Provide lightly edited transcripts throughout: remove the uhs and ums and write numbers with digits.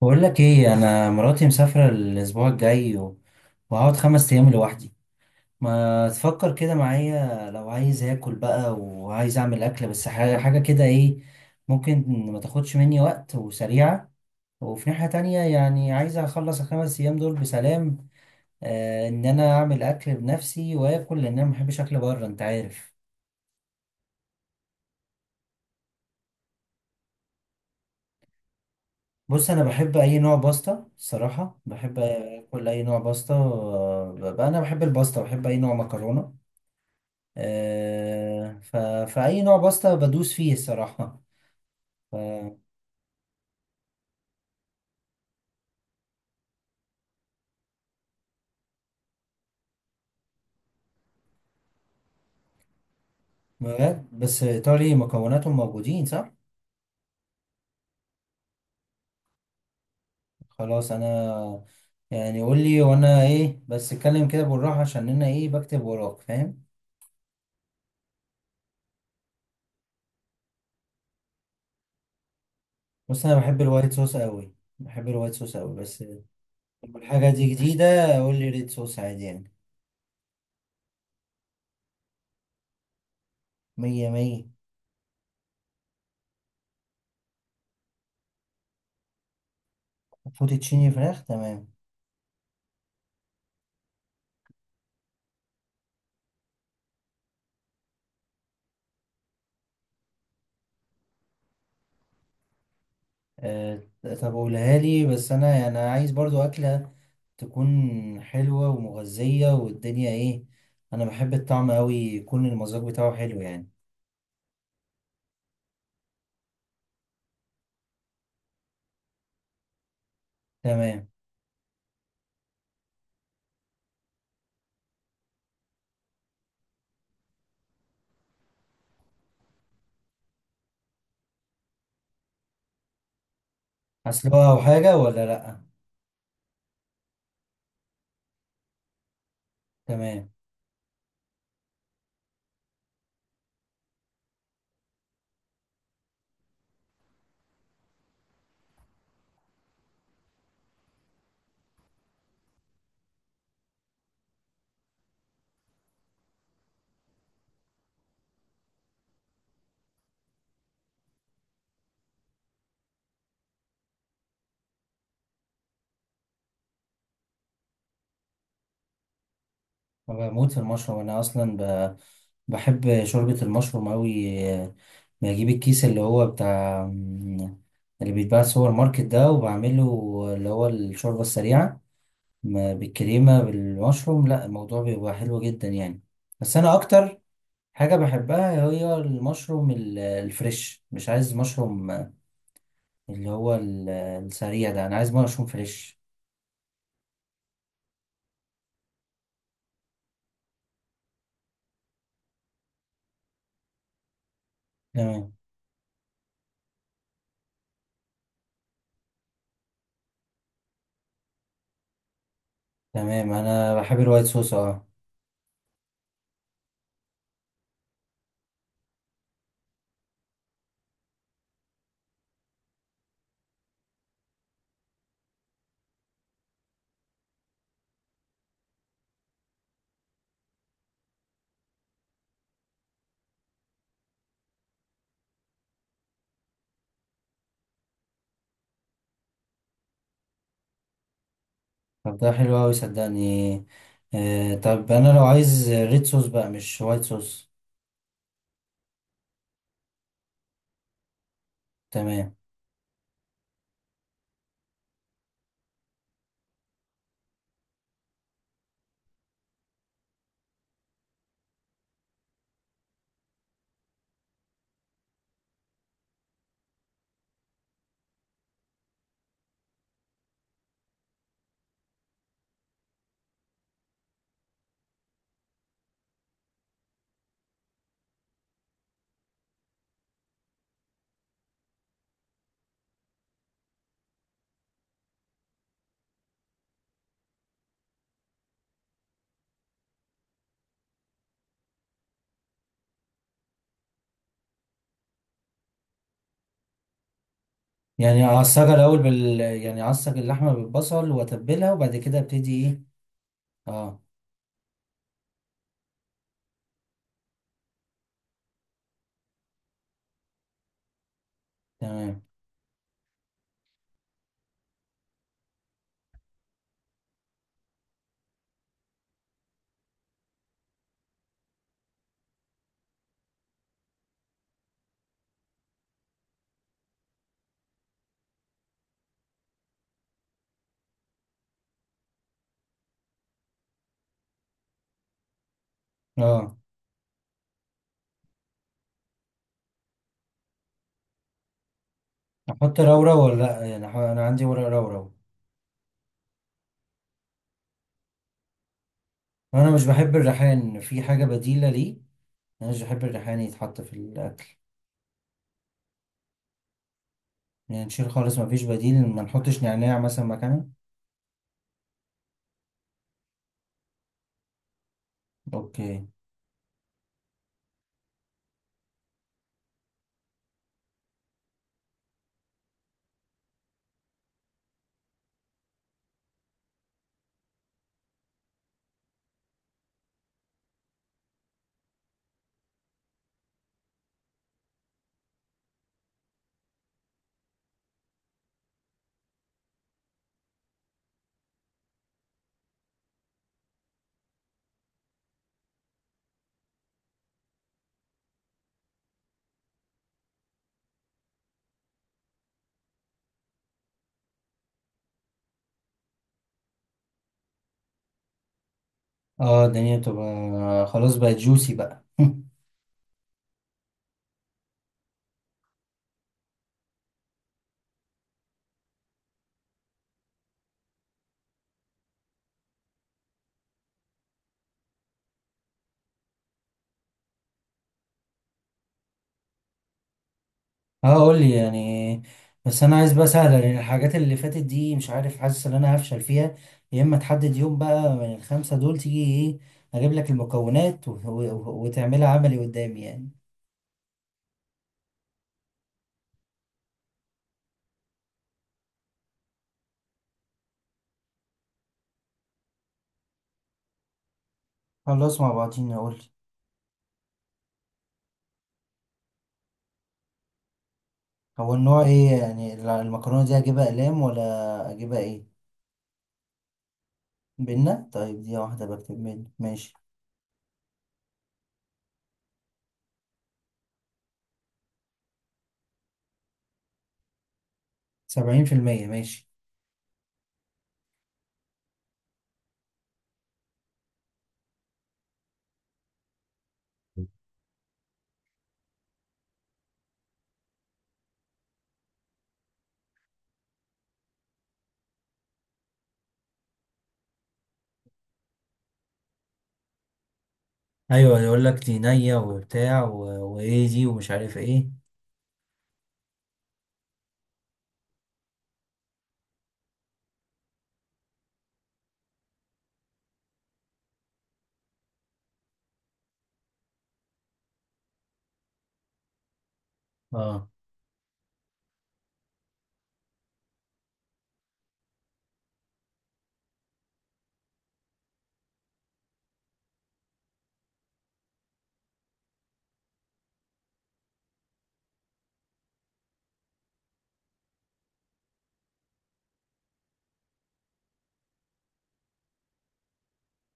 بقول لك ايه، انا مراتي مسافره الاسبوع الجاي وهقعد خمس ايام لوحدي. ما تفكر كده معايا؟ لو عايز اكل بقى وعايز اعمل اكله بس حاجه حاجه كده ايه ممكن، ما تاخدش مني وقت وسريعه. وفي ناحيه تانية يعني عايز اخلص الخمس ايام دول بسلام، ان انا اعمل اكل بنفسي واكل، لان انا ما بحبش اكل بره، انت عارف. بص انا بحب اي نوع باستا، الصراحه بحب اكل اي نوع باستا، بقى انا بحب الباستا، بحب اي نوع مكرونه. آه، ف... فأي نوع باستا بدوس فيه الصراحة. ف... بجد بس إيطالي مكوناتهم موجودين صح؟ خلاص أنا يعني قول لي، وأنا إيه بس اتكلم كده بالراحة عشان أنا إيه بكتب وراك، فاهم؟ بص أنا بحب الوايت صوص أوي، بحب الوايت صوص أوي بس لو... الحاجة دي جديدة. قول لي ريد صوص عادي يعني، مية مية. فوتوتشيني فراخ، تمام. أه... طب قولها لي، بس أنا يعني عايز برضو أكلة تكون حلوة ومغذية والدنيا ايه، انا بحب الطعم قوي، يكون المذاق بتاعه حلو يعني. تمام. هسلقها او حاجة ولا لأ؟ تمام. أنا بموت في المشروم، انا اصلا بحب شوربة المشروم قوي. بجيب الكيس اللي هو بتاع اللي بيتباع في السوبر ماركت ده وبعمله، اللي هو الشوربة السريعة، بالكريمة بالمشروم. لا الموضوع بيبقى حلو جدا يعني. بس انا اكتر حاجة بحبها هي المشروم الفريش، مش عايز مشروم اللي هو السريع ده، أنا عايز مشروم فريش. تمام تمام، أنا بحب الوايت صوص، أه. طب ده حلو أوي صدقني. طب أنا لو عايز ريد صوص بقى مش وايت صوص؟ تمام. يعني أعصجها الأول يعني أعصج اللحمة بالبصل وأتبلها، وبعد كده أبتدي إيه؟ أه. تمام. أه، أحط رورة ولا لأ يعني؟ أنا عندي ورق رورة. وأنا مش بحب الريحان، في حاجة بديلة ليه؟ مش بحب الريحان يتحط في الأكل. يعني نشيل خالص، مفيش بديل؟ ما نحطش نعناع مثلا مكانه؟ أوكي. اه الدنيا بتبقى خلاص، بقت جوسي بقى. اه، قولي يعني. بس أنا عايز بقى سهلة، لأن الحاجات اللي فاتت دي مش عارف، حاسس إن أنا هفشل فيها. يا إما تحدد يوم بقى من الخمسة دول تيجي، إيه أجيب لك المكونات وتعملها عملي قدامي يعني. خلاص مع بعضينا، قولي. هو النوع إيه يعني، المكرونة دي أجيبها أقلام ولا أجيبها إيه؟ بينا. طيب دي واحدة، بكتب بينا، ماشي. 70%، ماشي. أيوة يقول لك دي نية وبتاع وإيه دي ومش عارف إيه. أه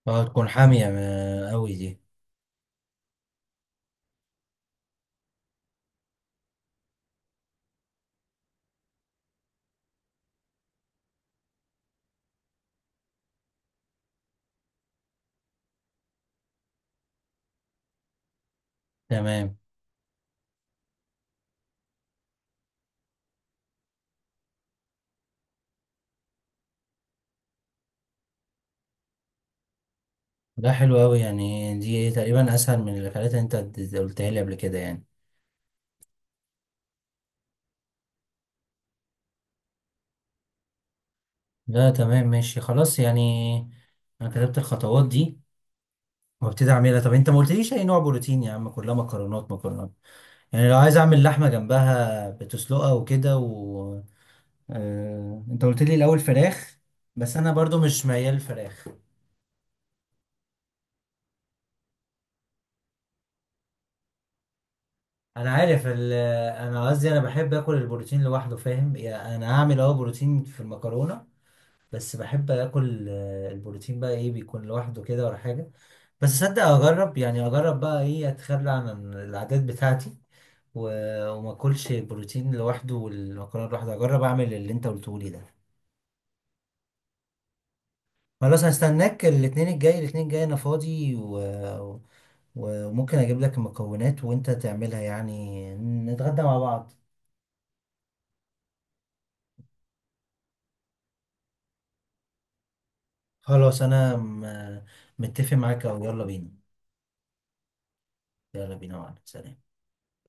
أه، تكون حامية أوي دي. تمام، ده حلو أوي يعني، دي إيه تقريبا أسهل من الحاجات اللي خليتها أنت، قلتها لي قبل كده يعني. لا تمام ماشي خلاص يعني، أنا كتبت الخطوات دي وابتدي أعملها. طب أنت ما قلتليش أي نوع بروتين يا عم؟ كلها مكرونات مكرونات، يعني لو عايز أعمل لحمة جنبها بتسلقها وكده. انت قلت لي الاول فراخ، بس انا برضو مش ميال فراخ. انا عارف ال- انا قصدي انا بحب اكل البروتين لوحده، فاهم؟ يعني انا هعمل بروتين في المكرونه، بس بحب اكل البروتين بقى ايه، بيكون لوحده كده ولا حاجه. بس صدق اجرب بقى ايه، اتخلى عن العادات بتاعتي وما اكلش البروتين لوحده والمكرونه لوحده، اجرب اعمل اللي انت قلته لي ده. خلاص هستناك الاثنين الجاي الاثنين الجاي، انا فاضي وممكن اجيب لك المكونات وانت تعملها يعني، نتغدى مع بعض. خلاص انا متفق معاك، او يلا بينا، يلا بينا معاك، سلام.